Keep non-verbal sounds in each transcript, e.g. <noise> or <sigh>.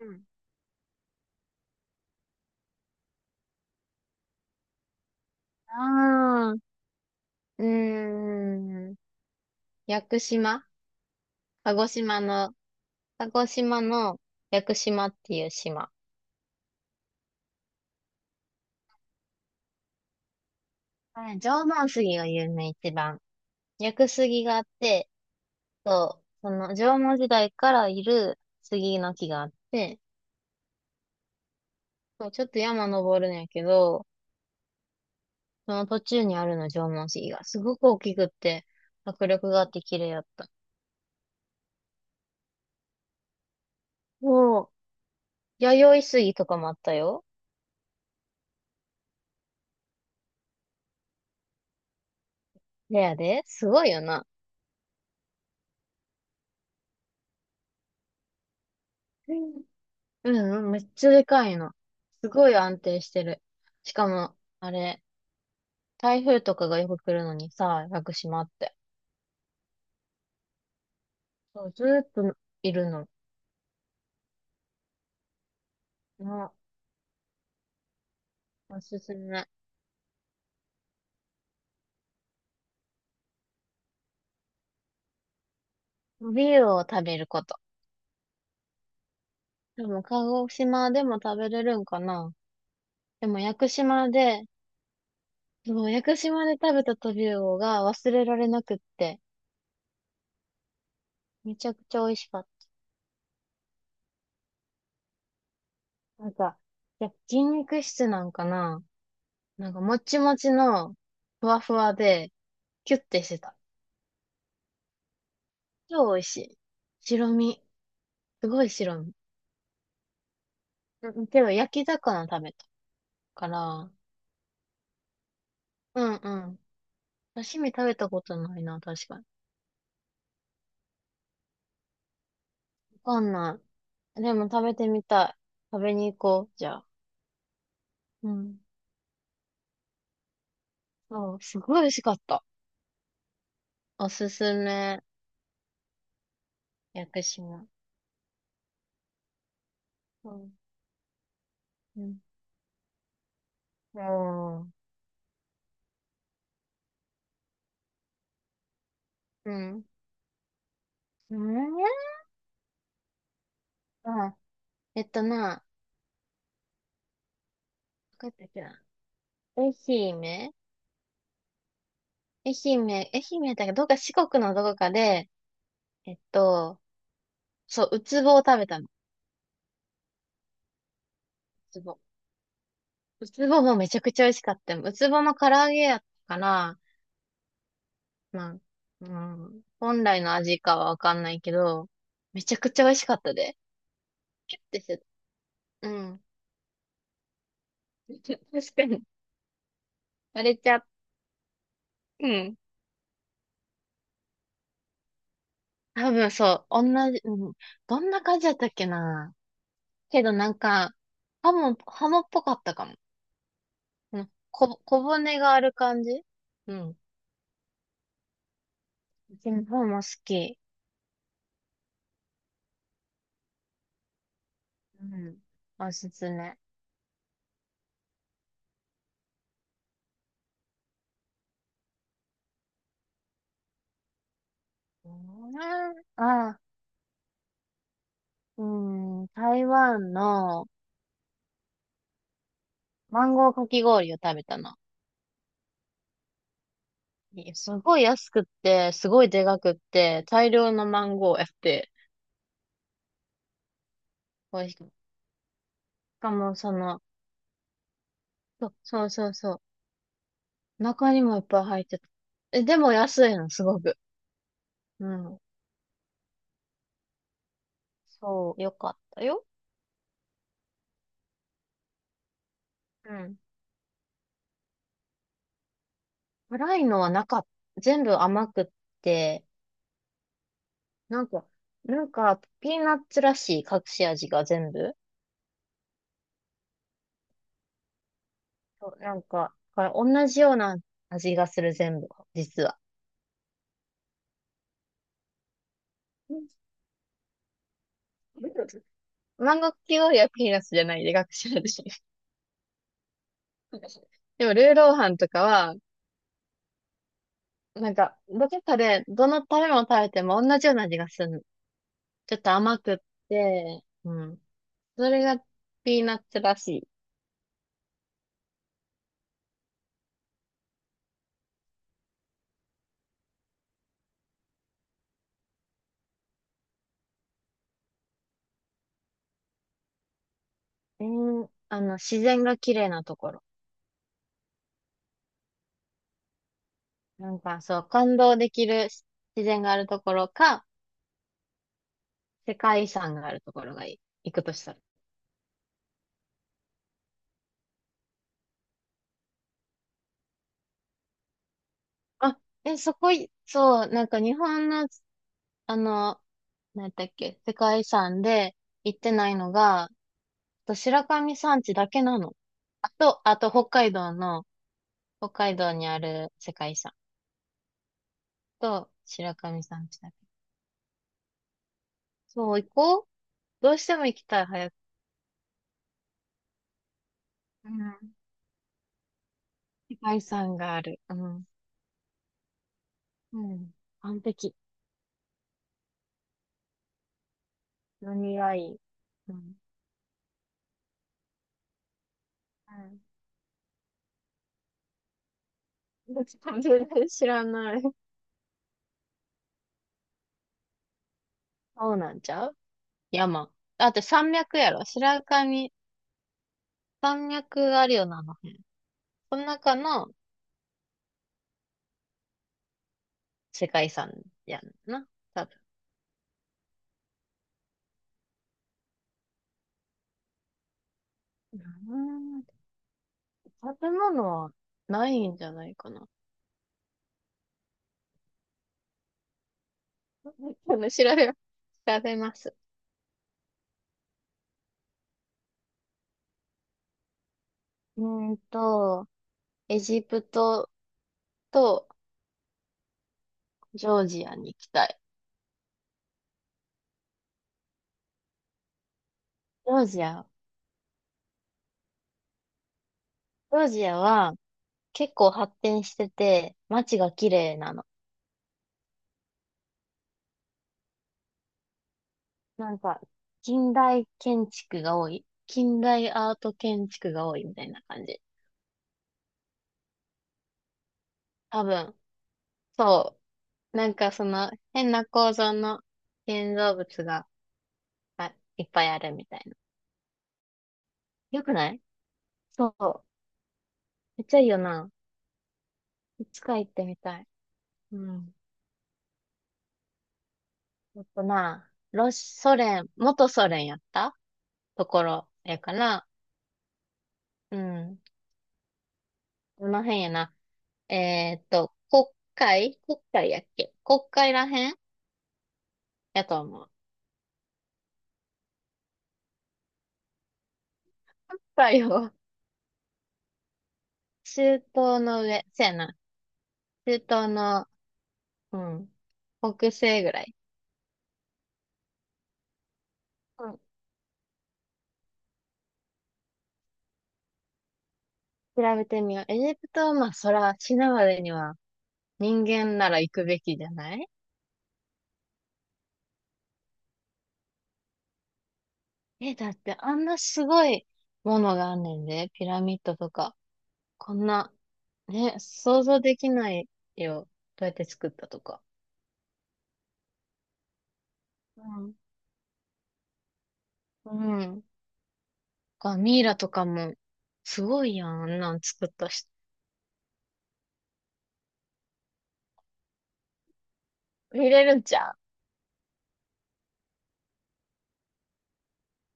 うん、ああ、うーん。屋久島。鹿児島の、鹿児島の屋久島っていう島。はい、縄文杉が有名、一番。屋久杉があって、そう、その縄文時代からいる杉の木があって、そう、ちょっと山登るんやけど、その途中にあるの縄文杉がすごく大きくって、迫力があって綺麗やった。おう、弥生杉とかもあったよ。レアで、すごいよな。うんうん、めっちゃでかいの。すごい安定してる。しかも、あれ、台風とかがよく来るのにさ、屋久島って。そう、ずーっといるの。な、おすすめ。ビールを食べること。でも、鹿児島でも食べれるんかな？でも、屋久島で、そう、屋久島で食べたトビウオが忘れられなくって、めちゃくちゃ美味しかった。なんか、いや、筋肉質なんかな？なんか、もちもちの、ふわふわで、キュッてしてた。超美味しい。白身。すごい白身。うん、けど焼き魚食べたから、うんうん。刺身食べたことないな、確かに。わかんない。でも食べてみたい。食べに行こう、じゃあ。うん。そう、すごい美味しかった。おすすめ。屋久島。うん。うん。おー、うん。うん、あ、えっとな、どこやったっけな。愛媛愛媛だけど、どっか四国のどこかで、えっと、そう、ウツボを食べた、つぼ。うつぼもめちゃくちゃ美味しかったよ。うつぼの唐揚げやったから、まあ、うん、本来の味かはわかんないけど、めちゃくちゃ美味しかったで。キュッてしてた。うん。<laughs> 確かに。あれちゃう。うん。多分そう。同じ、うん。どんな感じだったっけな。けどなんか、ハモっぽかったかも。うん。小骨がある感じ。うん。うちの方も好き。うん。おすすめ。うん、ああ。うん、台湾のマンゴーかき氷を食べたの。すごい安くって、すごいでかくって、大量のマンゴーやって、美味しく。しかも、その、そうそうそうそう、中にもいっぱい入ってた。え、でも安いの、すごく。うん。そう、よかったよ。うん。辛いのはなかった。全部甘くって、なんか、なんか、ピーナッツらしい隠し味が全部。そう、なんか、だから同じような味がする、全部、実は。万国企業医はピーナスじゃないで、学者でしょ？でも、ルーローハンとかは、なんか、どこかで、どの食べ物食べても同じような味がするの。ちょっと甘くって、うん。それがピーナッツらしい。あの、自然が綺麗なところ。なんか、そう、感動できる自然があるところか、世界遺産があるところがいい。行くとしたら。あ、え、そこい、そう、なんか日本の、あの、なんだっけ、世界遺産で行ってないのが、と白神山地だけなの。あと北海道の、北海道にある世界遺産と白神山地だけ。そう、行こう。どうしても行きたい、早く。うん。世界遺産がある。うん。うん。完璧。何がいい。うん。うん。どっちか全然知らない。そうなんちゃう、山。だって山脈やろ。白神、山脈があるよな、あの辺。その中の世界遺産やんな。多分。うーん、食べ物はないんじゃないかな。<laughs> 調べ調べます。うーんと、エジプトとジョージアに行きたい。ジョージア、ジョージアは結構発展してて、街が綺麗なの。なんか、近代建築が多い。近代アート建築が多いみたいな感じ。多分。そう。なんかその変な構造の建造物があいっぱいあるみたいな。よくない？そう。めっちゃいいよな。いつか行ってみたい。うん。あとな、ロシ、ソ連、元ソ連やったところやから、うん。この辺やな。えーっと、国国会やっけ、国会らへんやと思う。国会を <laughs> 中東の上。そやな。中東の、うん。北西ぐらい。調べてみよう。エジプトはまあ、そら、死ぬまでには、人間なら行くべきじゃない？え、だってあんなすごいものがあんねんで、ピラミッドとか。こんな、ね、想像できないよ。どうやって作ったとか。うん。うん。あ、ミイラとかも、すごいやん、あんなん作ったし。見れるんじゃん。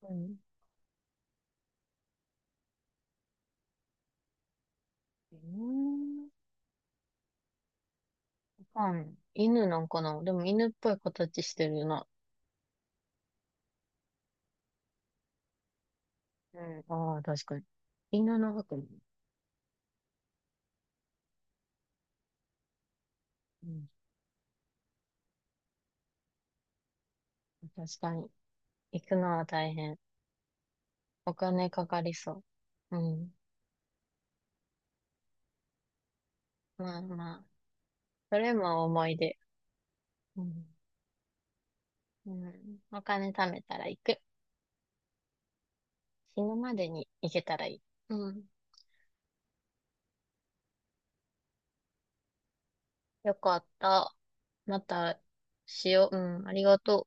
うん。うーん。わかんない。犬なんかな？でも犬っぽい形してるな。うん。ああ、確かに。犬の白衣。うん、確かに。行くのは大変。お金かかりそう。うん。まあまあ。それも思い出。うん。うん。お金貯めたら行く。死ぬまでに行けたらいい。うん。よかった。またしよう。うん。ありがとう。